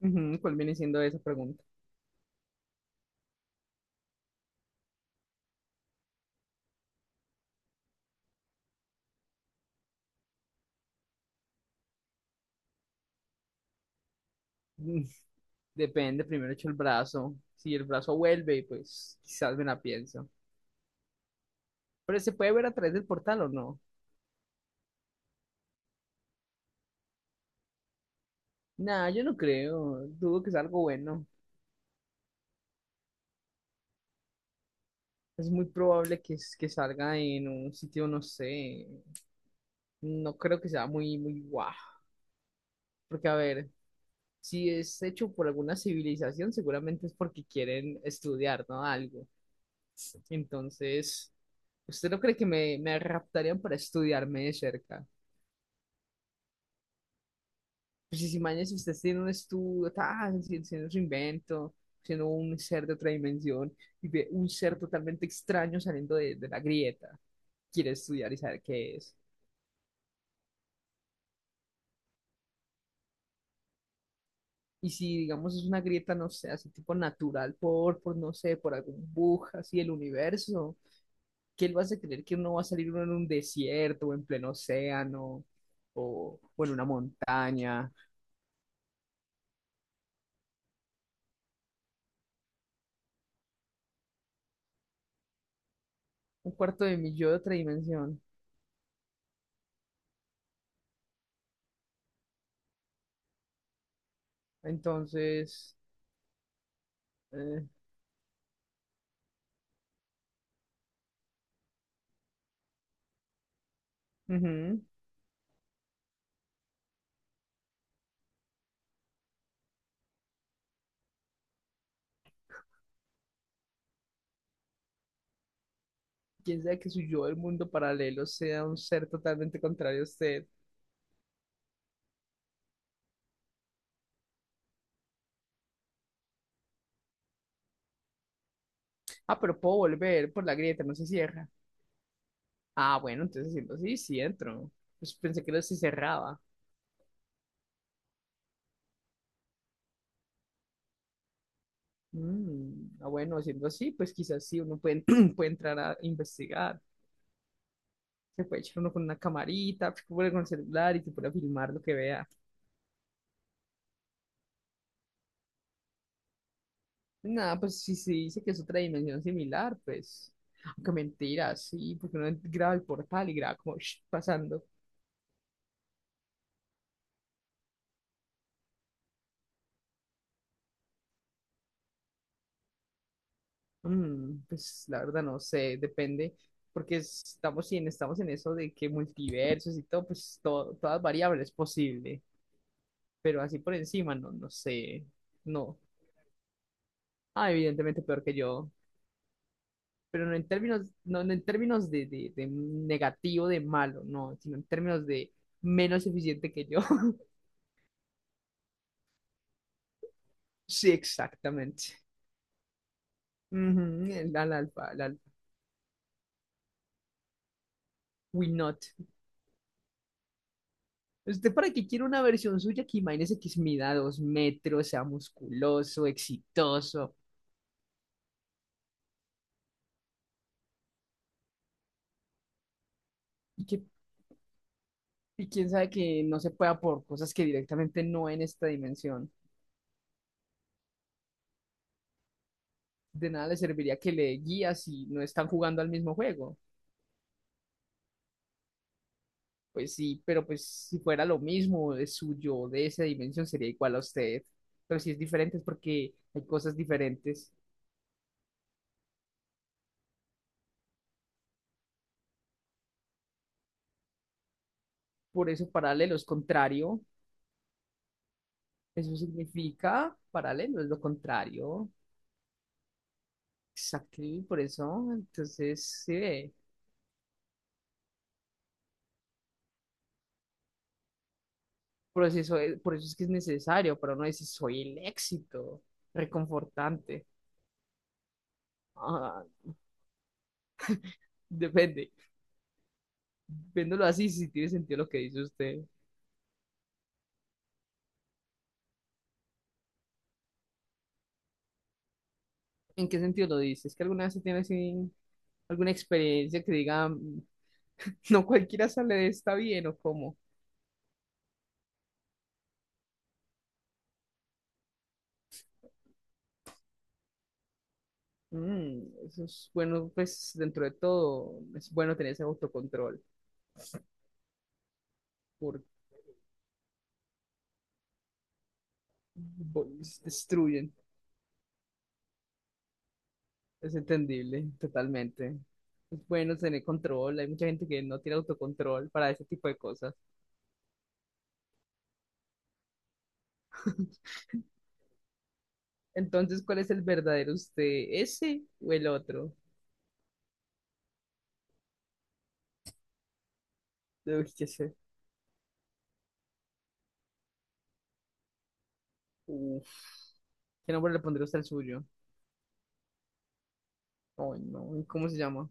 Ujú. ¿Cuál viene siendo esa pregunta? Mm, Depende, primero echo el brazo. Si el brazo vuelve, pues quizás me la pienso. Pero ¿se puede ver a través del portal o no? Nah, yo no creo. Dudo que sea algo bueno. Es muy probable que salga en un sitio, no sé. No creo que sea muy, muy guau. Porque, a ver, si es hecho por alguna civilización, seguramente es porque quieren estudiar, ¿no? Algo. Entonces, ¿usted no cree me raptarían para estudiarme de cerca? Pues si mañana si usted siendo un estudio, tan, si- siendo su invento, siendo un ser de otra dimensión, y ve un ser totalmente extraño saliendo de la grieta, quiere estudiar y saber qué es. Y si, digamos, es una grieta, no sé, así tipo natural, por no sé, por algún bug así del universo, ¿qué él va a hacer creer que uno va a salir uno en un desierto o en pleno océano o en una montaña? Un cuarto de mi yo de otra dimensión. Entonces, eh, ujú. Quién sabe que su yo del mundo paralelo sea un ser totalmente contrario a usted. Ah, pero puedo volver por la grieta, no se cierra. Ah, bueno, entonces siento, sí, sí entro. Pues pensé que no se cerraba. Bueno, siendo así, pues quizás sí uno puede, puede entrar a investigar. Se puede echar uno con una camarita, puede con el celular y se puede filmar lo que vea. Nada, pues si se dice que es otra dimensión similar, pues. Aunque mentira, sí, porque uno graba el portal y graba como pasando. Pues la verdad no sé, depende. Porque estamos en eso de que multiversos y todo, pues todo, todas variables es posible. Pero así por encima, no, no sé. No. Ah, evidentemente peor que yo. Pero no en términos, no, no en términos de negativo, de malo, no, sino en términos de menos eficiente que yo. Sí, exactamente. Ujú, el, al alfa, el alfa. We not. ¿Usted para qué quiere una versión suya que imagínese que mida 2 metros, sea musculoso, exitoso, y que y quién sabe que no se pueda por cosas que directamente no en esta dimensión? De nada le serviría que le guías si no están jugando al mismo juego. Pues sí, pero pues si fuera lo mismo de suyo, de esa dimensión, sería igual a usted. Pero si es diferente es porque hay cosas diferentes. Por eso paralelo es contrario. Eso significa paralelo, es lo contrario. Exacto, y por eso, entonces, sí ve. Por eso, eso es, por eso es que es necesario para uno decir, soy el éxito. Reconfortante. Ah, depende. Viéndolo así, si tiene sentido lo que dice usted. ¿En qué sentido lo dices? ¿Es que alguna vez se tiene así alguna experiencia que diga, "Mm, no cualquiera sale de esta bien" o cómo? Mm, eso es bueno, pues dentro de todo es bueno tener ese autocontrol porque destruyen, es entendible totalmente. Es bueno tener control, hay mucha gente que no tiene autocontrol para ese tipo de cosas. Entonces, ¿cuál es el verdadero usted? ¿Ese o el otro? Uy, qué sé. Uf, ¿qué nombre le pondría usted al suyo? Ay, no, y ¿cómo se llama?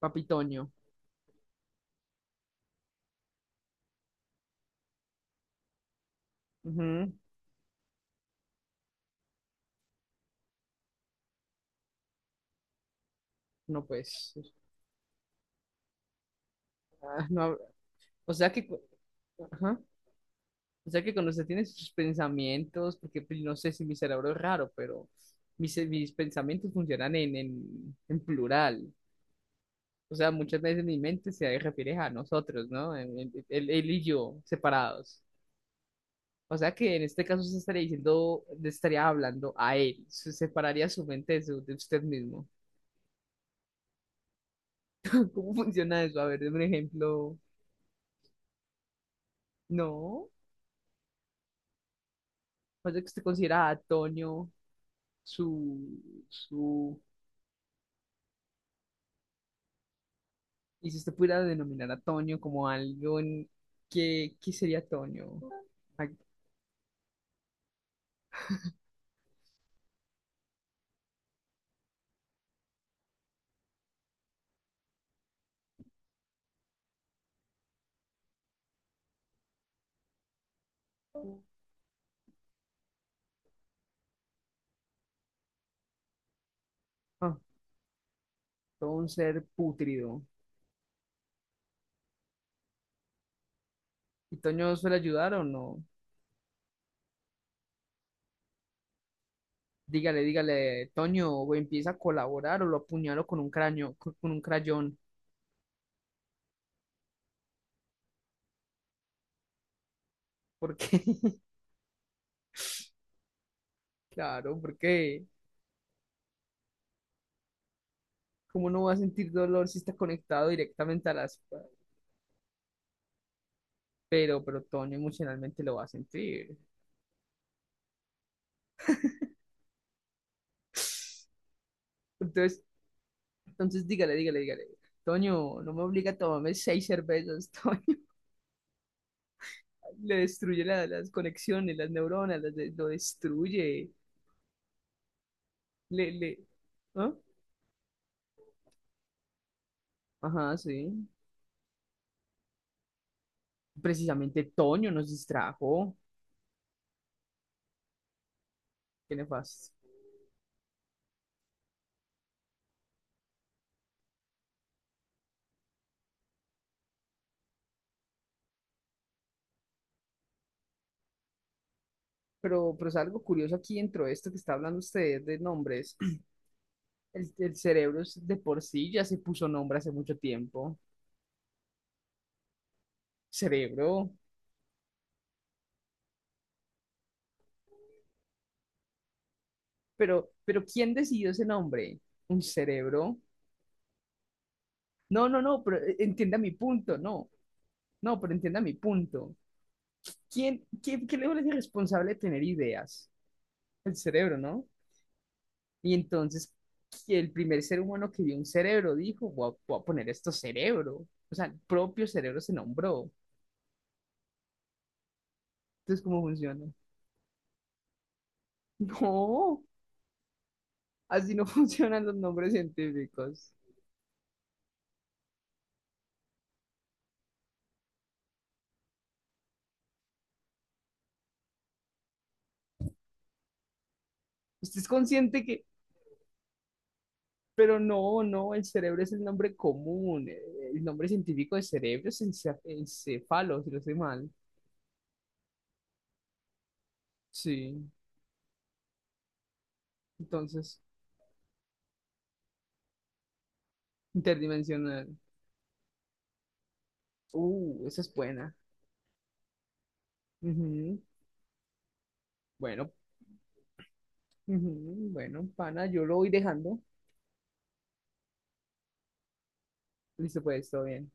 Papitoño. Ujú. No, pues. Ah, no, hab- o sea que. Cu- Ajá. O sea que cuando usted tiene sus pensamientos, porque pues, no sé si mi cerebro es raro, pero mis pensamientos funcionan en plural. O sea, muchas veces mi mente se refiere a nosotros, ¿no? Él, él y yo, separados. O sea que en este caso se estaría diciendo, le estaría hablando a él, se separaría su mente de usted mismo. ¿Cómo funciona eso? A ver, deme un ejemplo. No, pasa que usted considera a Toño su, su, y si usted pudiera denominar a Toño como algo en, ¿qué, qué sería Toño? Ah, ah, todo un ser pútrido. ¿Y Toño suele ayudar o no? Dígale, dígale, Toño, o empieza a colaborar o lo apuñalo con un cráneo, con un crayón, porque claro, porque ¿cómo no va a sentir dolor si está conectado directamente a las... pero Toño emocionalmente lo va a sentir. Entonces, entonces dígale, dígale, dígale. Toño, no me obliga a tomarme 6 cervezas, Toño. Le destruye las conexiones, las neuronas, las de- lo destruye. Le, le... ¿Ah? Ajá, sí. Precisamente Toño nos distrajo. Qué nefasto. Pero es algo curioso aquí dentro de esto que está hablando usted de nombres. El cerebro es de por sí ya se puso nombre hace mucho tiempo. Cerebro. Pero ¿quién decidió ese nombre? ¿Un cerebro? No, no, no, pero entienda mi punto, no. No, pero entienda mi punto. ¿Quién, quién, qué le es responsable de tener ideas? El cerebro, ¿no? Y entonces que el primer ser humano que vio un cerebro dijo, voy a poner esto cerebro. O sea, el propio cerebro se nombró. Entonces, ¿cómo funciona? No, así no funcionan los nombres científicos. Usted es consciente que, pero no, no, el cerebro es el nombre común. El nombre científico de cerebro es encéfalo, si no estoy mal. Sí, entonces, interdimensional. Esa es buena. Ujú, bueno, ujú, bueno, pana, yo lo voy dejando. Listo, pues, todo bien.